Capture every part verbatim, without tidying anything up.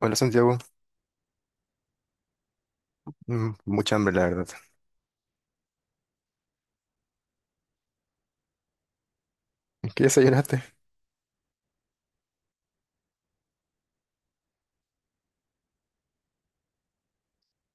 Hola, Santiago. Mm, mucha hambre, la verdad. ¿Qué desayunaste?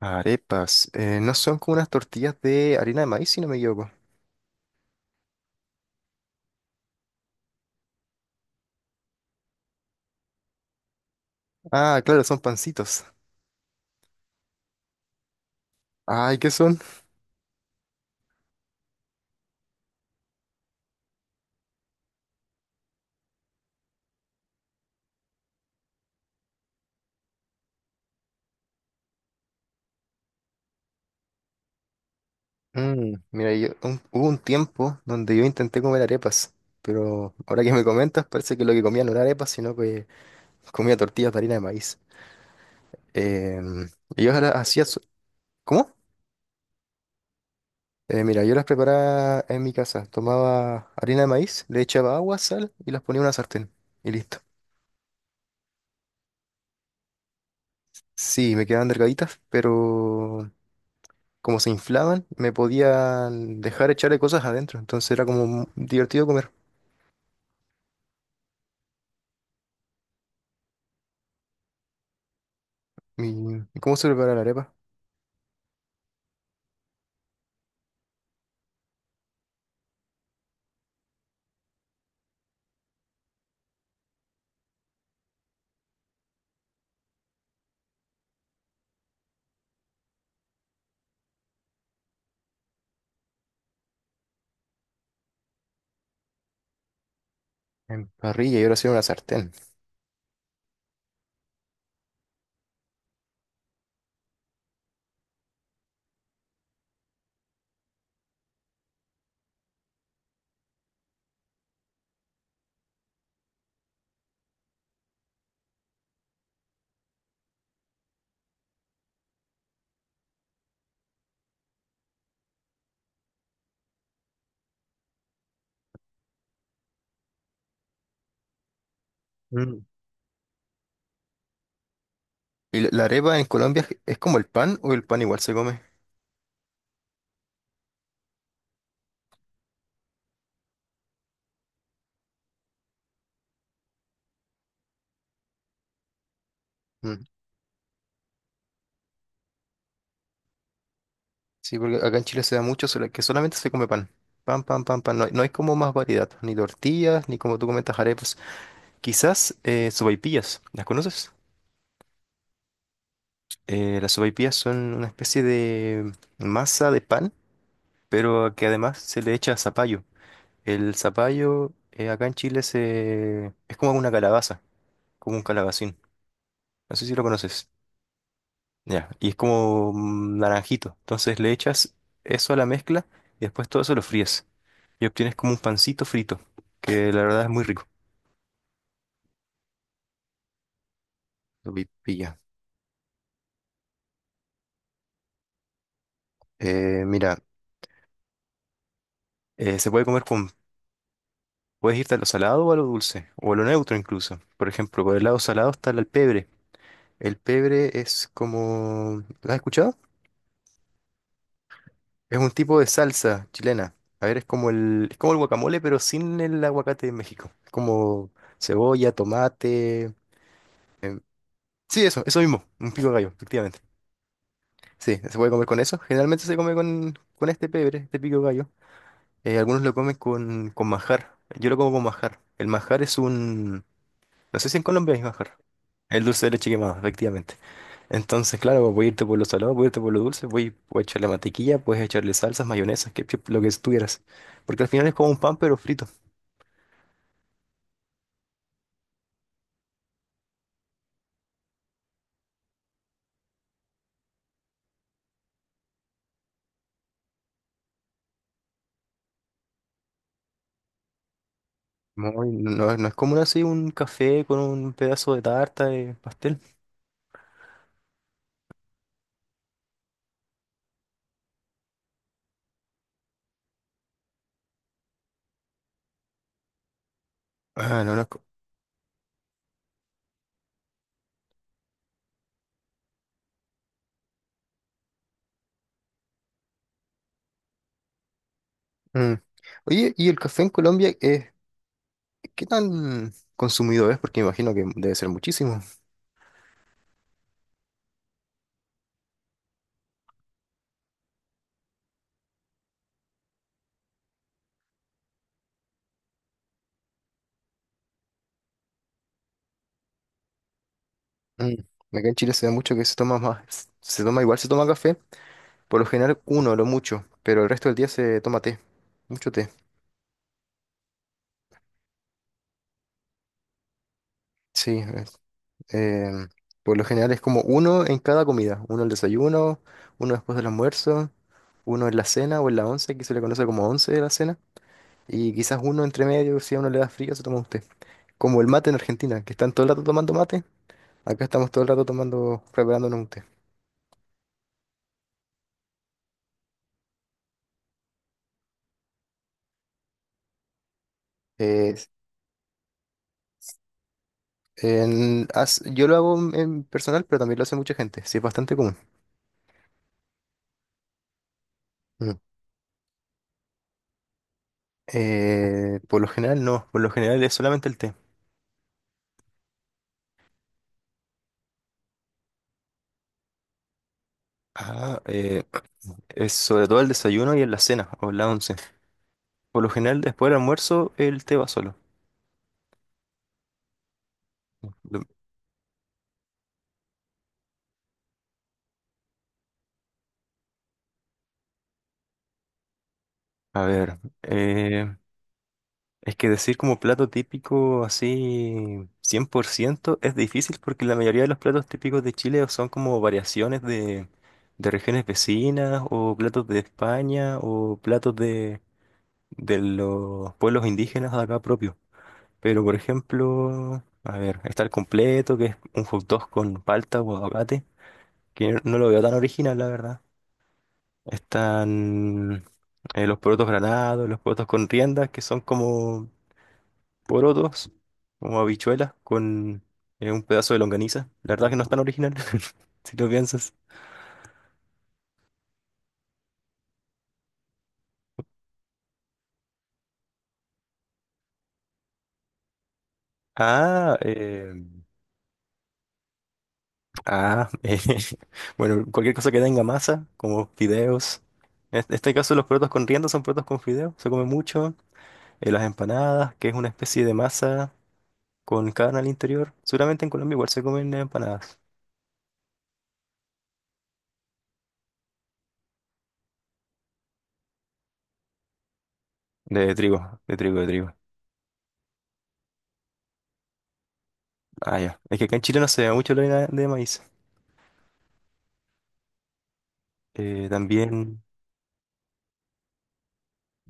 Arepas. Eh, ¿no son como unas tortillas de harina de maíz, si no me equivoco? Ah, claro, son pancitos. Ay, ¿qué son? Mm, mira, yo, un- hubo un tiempo donde yo intenté comer arepas, pero ahora que me comentas parece que lo que comía no era arepas, sino que comía tortillas de harina de maíz. Em, y yo las hacía... so- ¿Cómo? Eh, mira, yo las preparaba en mi casa. Tomaba harina de maíz, le echaba agua, sal y las ponía en una sartén. Y listo. Sí, me quedaban delgaditas, pero como se inflaban, me podían dejar echarle cosas adentro. Entonces era como mu- divertido comer. ¿Y cómo se prepara la arepa? En parrilla y ahora sí en una sartén. Mm. ¿Y la la arepa en Colombia es es como el pan o el pan igual se come? Mm. Sí, porque acá en Chile se da mucho sola- que solamente se come pan. Pan, pan, pan, pan. No hay, no hay como más variedad. Ni tortillas, ni, como tú comentas, arepas. Quizás eh, sopaipillas. ¿Las conoces? Eh, las sopaipillas son una especie de masa de pan, pero que además se le echa zapallo. El zapallo, eh, acá en Chile se... es como una calabaza, como un calabacín. No sé si lo conoces. Ya, y es como mm, naranjito. Entonces le echas eso a la mezcla y después todo eso lo fríes. Y obtienes como un pancito frito, que la verdad es muy rico. Lo pi- Pilla. Eh, mira, eh, se puede comer con... Puedes irte a lo salado o a lo dulce, o a lo neutro incluso. Por ejemplo, por el lado salado está el pebre. El pebre es como... ¿Lo has escuchado? Es un tipo de salsa chilena. A ver, es como el, es como el guacamole, pero sin el aguacate de México. Es como cebolla, tomate. em, sí, eso, eso mismo. Un pico de gallo, efectivamente. Sí, se puede comer con eso. Generalmente se come con, con este pebre, este pico de gallo. Eh, algunos lo comen con, con manjar. Yo lo como con manjar. El manjar es un. No sé si en Colombia hay manjar. El dulce de leche quemado, efectivamente. Entonces, claro, pues, voy a irte por lo salado, voy a irte por lo dulce, voy, puedes echarle mantequilla, puedes echarle salsas, mayonesas, ketchup, lo que tuvieras. Porque al final es como un pan, pero frito. Muy- no, no es como un- así un café con un pedazo de tarta de pastel. Ah, no, no es co- Mm. Oye, ¿y el café en Colombia es qué tan consumido es? Porque me imagino que debe ser muchísimo. Mm. Acá en Chile se da mucho que se toma más, se toma igual, se toma café, por lo general uno, lo mucho, pero el resto del día se toma té, mucho té. Sí, es- em, por lo general es como uno en cada comida, uno al desayuno, uno después del almuerzo, uno en la cena o en la once, que se le conoce como once de la cena, y quizás uno entre medio, si a uno le da frío, se toma usted. Como el mate en Argentina, que están todo el rato tomando mate, acá estamos todo el rato tomando, preparándonos un té. Eh, en- as- yo lo hago en personal, pero también lo hace mucha gente, sí es bastante común. Mm. Eh, por lo general no, por lo general es solamente el té. Ah, eh, Es sobre todo el desayuno y en la cena o en la once. Por lo general, después del almuerzo, el té va solo. Lo- A ver, eh, es que decir como plato típico así cien por ciento es difícil porque la mayoría de los platos típicos de Chile son como variaciones de, de regiones vecinas o platos de España o platos de, de los pueblos indígenas de acá propios. Pero por ejemplo, a ver, está el completo, que es un hot dog con palta o aguacate. Que no lo veo tan original, la verdad. Están eh, los porotos granados, los porotos con riendas, que son como porotos, como habichuelas, con eh, un pedazo de longaniza. La verdad que no es tan original, si lo piensas. Ah, eh, ah, eh, bueno, cualquier cosa que tenga masa, como fideos. En este este caso, los porotos con riendas son porotos con fideos, se come mucho. Eh, las empanadas, que es una especie de masa con carne al interior. Seguramente en Colombia igual se comen empanadas. De trigo, de trigo, de trigo. Ah, ya. Es que acá en Chile no se ve mucho la harina de maíz. Eh, también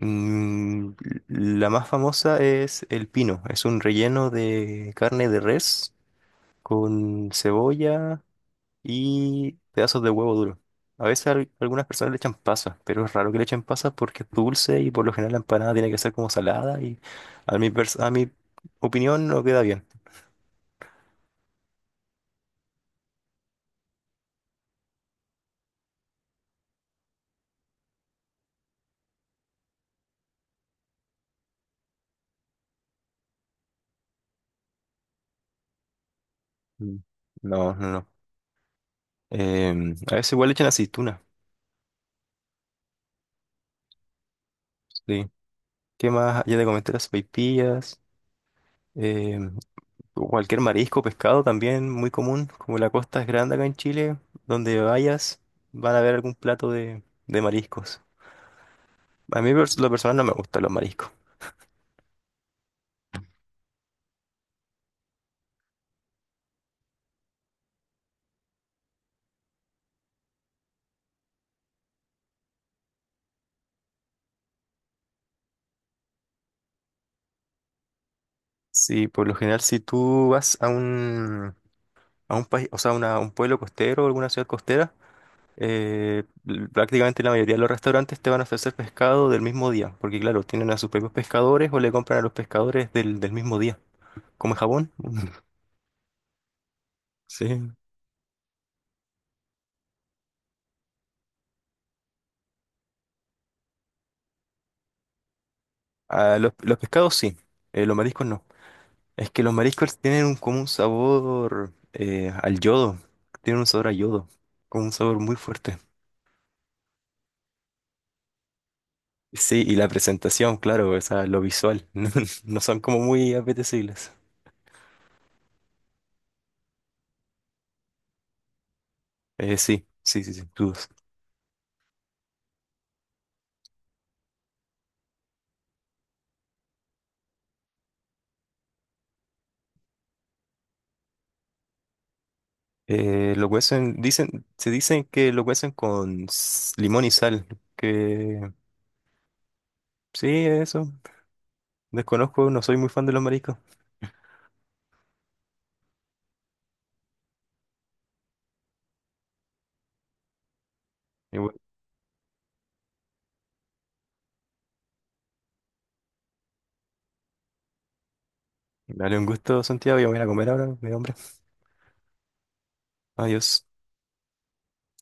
mm, la más famosa es el pino. Es un relleno de carne de res con cebolla y pedazos de huevo duro. A veces al- algunas personas le echan pasas, pero es raro que le echen pasas porque es dulce y por lo general la empanada tiene que ser como salada y a mi, pers- a mi opinión no queda bien. Mm. No, no, no. Em, a veces igual le echan aceituna. Sí. ¿Qué más? Ya te comenté las sopaipillas, eh, cualquier marisco, pescado también, muy común. Como la costa es grande acá en Chile, donde vayas van a ver algún plato de, de mariscos. A mí pers- lo personal, no me gustan los mariscos. Sí, por lo general si tú vas a un, a un país, o sea, una- un pueblo costero o alguna ciudad costera, eh, l- prácticamente la mayoría de los restaurantes te van a ofrecer pescado del mismo día, porque claro, tienen a sus propios pescadores o le compran a los pescadores del, del mismo día. Como en Japón. Sí. Ah, los, los pescados sí, eh, los mariscos no. Es que los mariscos tienen un, como un sabor eh, al yodo, tienen un sabor a yodo, como un sabor muy fuerte. Sí, y la presentación, claro, o sea, lo visual, no, no son como muy apetecibles. Eh, sí, sí, sí, sin dudas. Eh, lo cuecen, dicen, se dicen que lo cuecen con s- limón y sal, que sí, eso, desconozco, no soy muy fan de los mariscos. Y bueno, dale un gusto, Santiago, yo me voy a ir a comer ahora, mi hombre. Adiós.